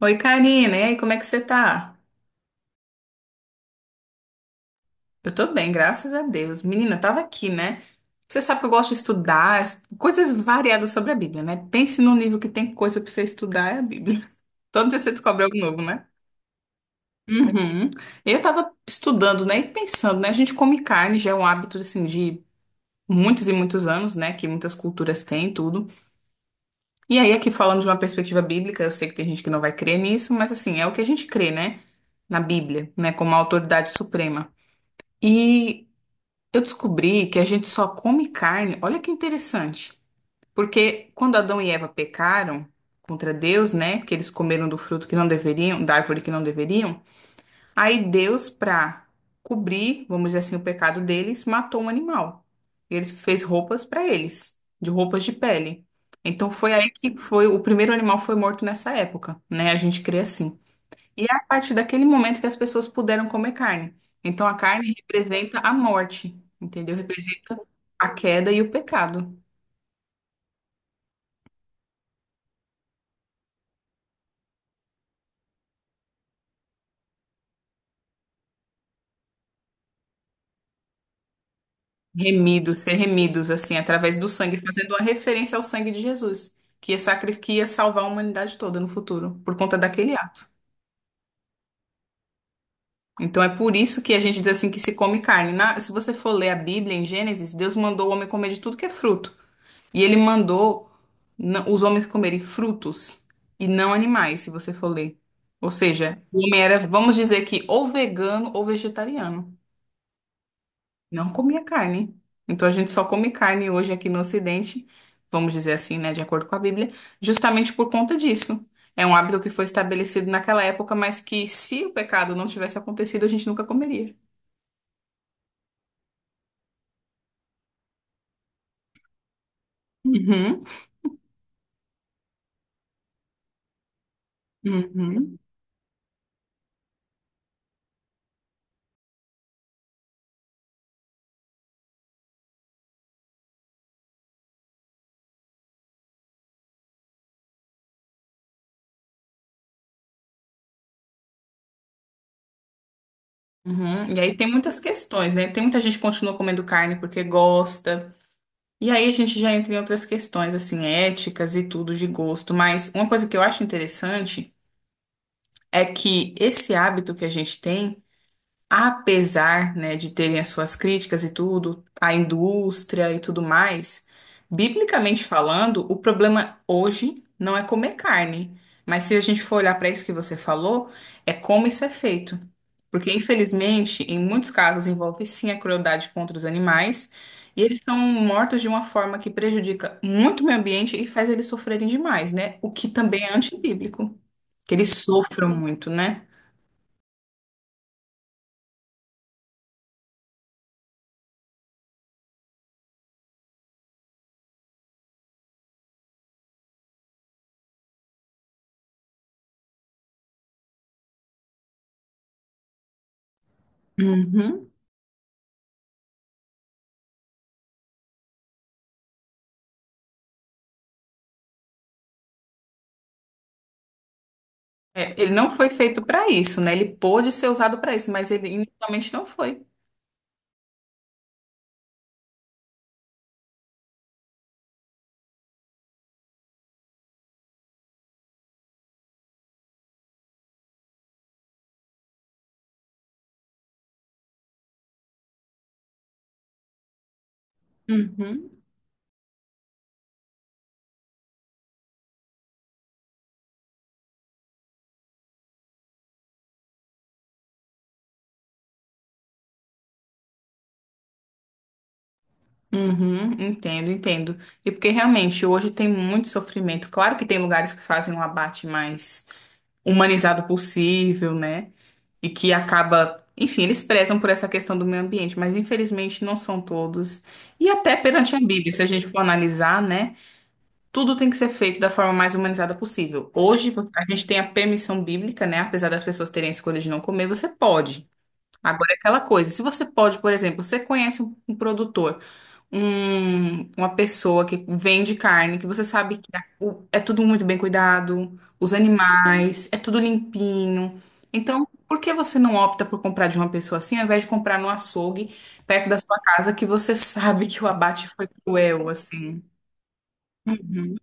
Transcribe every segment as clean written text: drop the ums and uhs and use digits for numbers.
Oi, Karina, e aí, como é que você tá? Eu tô bem, graças a Deus. Menina, eu tava aqui, né? Você sabe que eu gosto de estudar coisas variadas sobre a Bíblia, né? Pense num livro que tem coisa pra você estudar, é a Bíblia. Todo dia você descobre algo novo, né? Uhum. Eu tava estudando, né, e pensando, né? A gente come carne, já é um hábito, assim, de muitos e muitos anos, né? Que muitas culturas têm, e tudo. E aí, aqui falando de uma perspectiva bíblica, eu sei que tem gente que não vai crer nisso, mas assim, é o que a gente crê, né? Na Bíblia, né? Como a autoridade suprema. E eu descobri que a gente só come carne. Olha que interessante. Porque quando Adão e Eva pecaram contra Deus, né? Que eles comeram do fruto que não deveriam, da árvore que não deveriam. Aí Deus, pra cobrir, vamos dizer assim, o pecado deles, matou um animal. E eles fez roupas pra eles, de roupas de pele. Então foi aí que foi o primeiro animal foi morto nessa época, né? A gente crê assim. E é a partir daquele momento que as pessoas puderam comer carne. Então a carne representa a morte, entendeu? Representa a queda e o pecado. Remidos, ser remidos, assim, através do sangue, fazendo uma referência ao sangue de Jesus, que ia, que ia salvar a humanidade toda no futuro, por conta daquele ato. Então é por isso que a gente diz assim que se come carne. Se você for ler a Bíblia em Gênesis, Deus mandou o homem comer de tudo que é fruto. E ele mandou os homens comerem frutos e não animais, se você for ler. Ou seja, o homem era, vamos dizer que ou vegano ou vegetariano. Não comia carne. Então a gente só come carne hoje aqui no Ocidente, vamos dizer assim, né, de acordo com a Bíblia, justamente por conta disso. É um hábito que foi estabelecido naquela época, mas que se o pecado não tivesse acontecido, a gente nunca comeria. Uhum, uhum, uhum. E aí tem muitas questões, né? Tem muita gente que continua comendo carne porque gosta. E aí a gente já entra em outras questões, assim, éticas e tudo de gosto, mas uma coisa que eu acho interessante é que esse hábito que a gente tem apesar, né, de terem as suas críticas e tudo, à indústria e tudo mais, biblicamente falando, o problema hoje não é comer carne, mas se a gente for olhar para isso que você falou, é como isso é feito. Porque, infelizmente, em muitos casos envolve sim a crueldade contra os animais, e eles são mortos de uma forma que prejudica muito o meio ambiente e faz eles sofrerem demais, né? O que também é antibíblico, que eles sofram muito, né? Uhum. É, ele não foi feito para isso, né? Ele pôde ser usado para isso, mas ele inicialmente não foi. Uhum. Uhum, entendo, entendo. E porque realmente hoje tem muito sofrimento. Claro que tem lugares que fazem um abate mais humanizado possível, né? E que acaba, enfim, eles prezam por essa questão do meio ambiente, mas infelizmente não são todos. E até perante a Bíblia, se a gente for analisar, né? Tudo tem que ser feito da forma mais humanizada possível. Hoje, a gente tem a permissão bíblica, né? Apesar das pessoas terem a escolha de não comer, você pode. Agora, é aquela coisa, se você pode, por exemplo, você conhece um produtor, uma pessoa que vende carne, que você sabe que é tudo muito bem cuidado, os animais, é tudo limpinho. Então, por que você não opta por comprar de uma pessoa assim, ao invés de comprar no açougue, perto da sua casa, que você sabe que o abate foi cruel, assim? Uhum.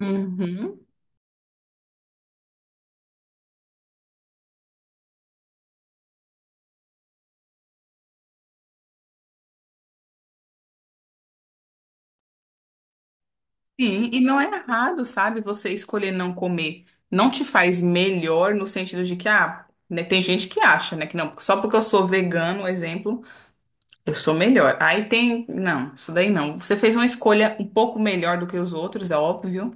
Uhum. Sim, e não é errado, sabe, você escolher não comer. Não te faz melhor no sentido de que, ah, né, tem gente que acha, né, que não, só porque eu sou vegano, exemplo, eu sou melhor. Aí tem, não, isso daí não. Você fez uma escolha um pouco melhor do que os outros, é óbvio,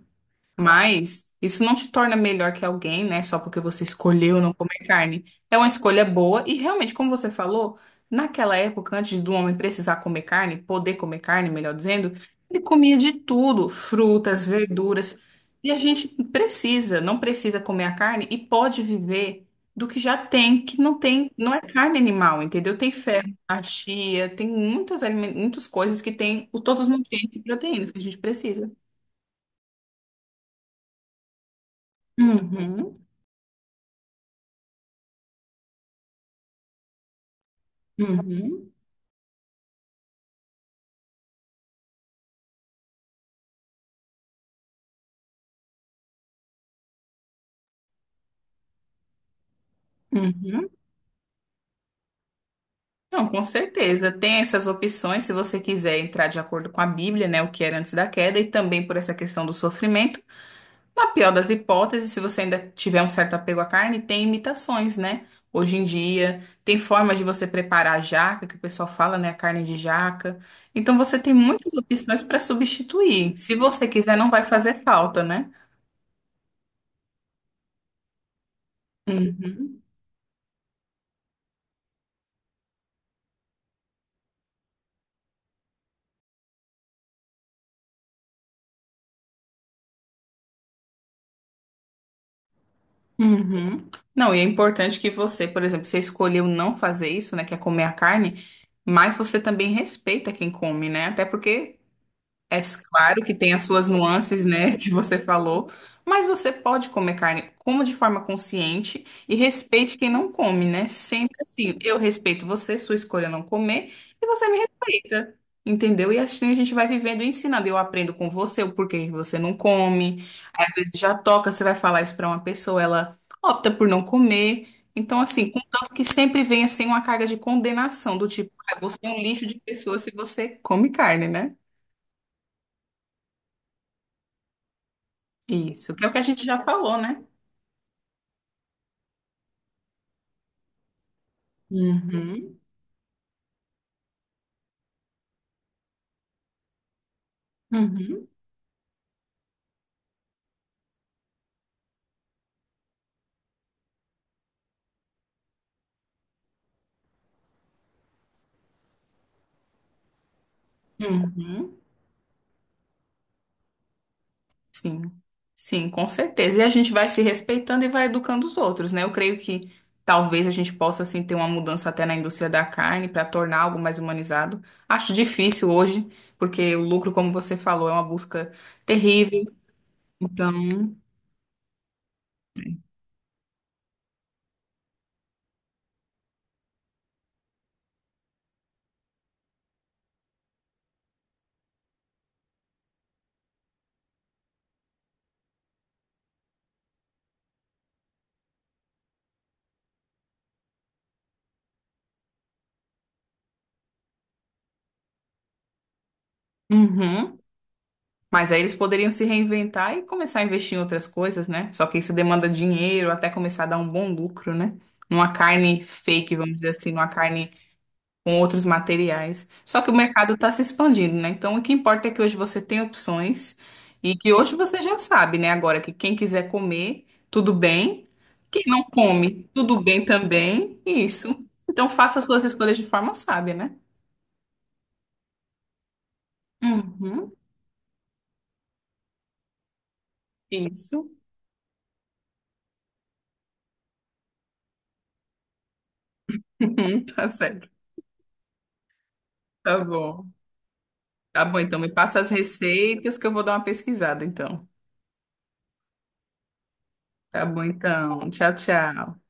mas isso não te torna melhor que alguém, né? Só porque você escolheu não comer carne. É uma escolha boa e realmente, como você falou, naquela época, antes do homem precisar comer carne, poder comer carne, melhor dizendo, ele comia de tudo, frutas, verduras. E a gente precisa, não precisa comer a carne e pode viver do que já tem, que não tem, não é carne animal, entendeu? Tem ferro, chia, tem muitas, muitas coisas que tem todos os nutrientes e proteínas que a gente precisa. Uhum. Uhum, uhum. Não, com certeza. Tem essas opções, se você quiser entrar de acordo com a Bíblia, né, o que era antes da queda, e também por essa questão do sofrimento. Na pior das hipóteses, se você ainda tiver um certo apego à carne, tem imitações, né? Hoje em dia, tem formas de você preparar a jaca, que o pessoal fala, né, a carne de jaca. Então, você tem muitas opções para substituir. Se você quiser, não vai fazer falta, né? Uhum. Não, e é importante que você, por exemplo, você escolheu não fazer isso, né, que é comer a carne, mas você também respeita quem come, né? Até porque é claro que tem as suas nuances, né, que você falou, mas você pode comer carne, coma de forma consciente e respeite quem não come, né? Sempre assim, eu respeito você, sua escolha não comer, e você me respeita, entendeu? E assim a gente vai vivendo e ensinando. Eu aprendo com você o porquê que você não come. Aí, às vezes já toca, você vai falar isso para uma pessoa, ela opta por não comer. Então, assim, contanto que sempre venha sem uma carga de condenação, do tipo, ah, você é um lixo de pessoa se você come carne, né? Isso, que é o que a gente já falou, né? Uhum, uhum, uhum. Sim, sim, com certeza. E a gente vai se respeitando e vai educando os outros, né? Eu creio que talvez a gente possa, assim, ter uma mudança até na indústria da carne para tornar algo mais humanizado. Acho difícil hoje, porque o lucro, como você falou, é uma busca terrível. Então, uhum. Mas aí eles poderiam se reinventar e começar a investir em outras coisas, né? Só que isso demanda dinheiro até começar a dar um bom lucro, né? Numa carne fake, vamos dizer assim, numa carne com outros materiais. Só que o mercado está se expandindo, né? Então o que importa é que hoje você tem opções e que hoje você já sabe, né? Agora que quem quiser comer, tudo bem. Quem não come, tudo bem também. Isso. Então faça as suas escolhas de forma sábia, né? Uhum. Isso. Tá certo. Tá bom. Tá bom, então me passa as receitas que eu vou dar uma pesquisada, então. Tá bom, então. Tchau, tchau.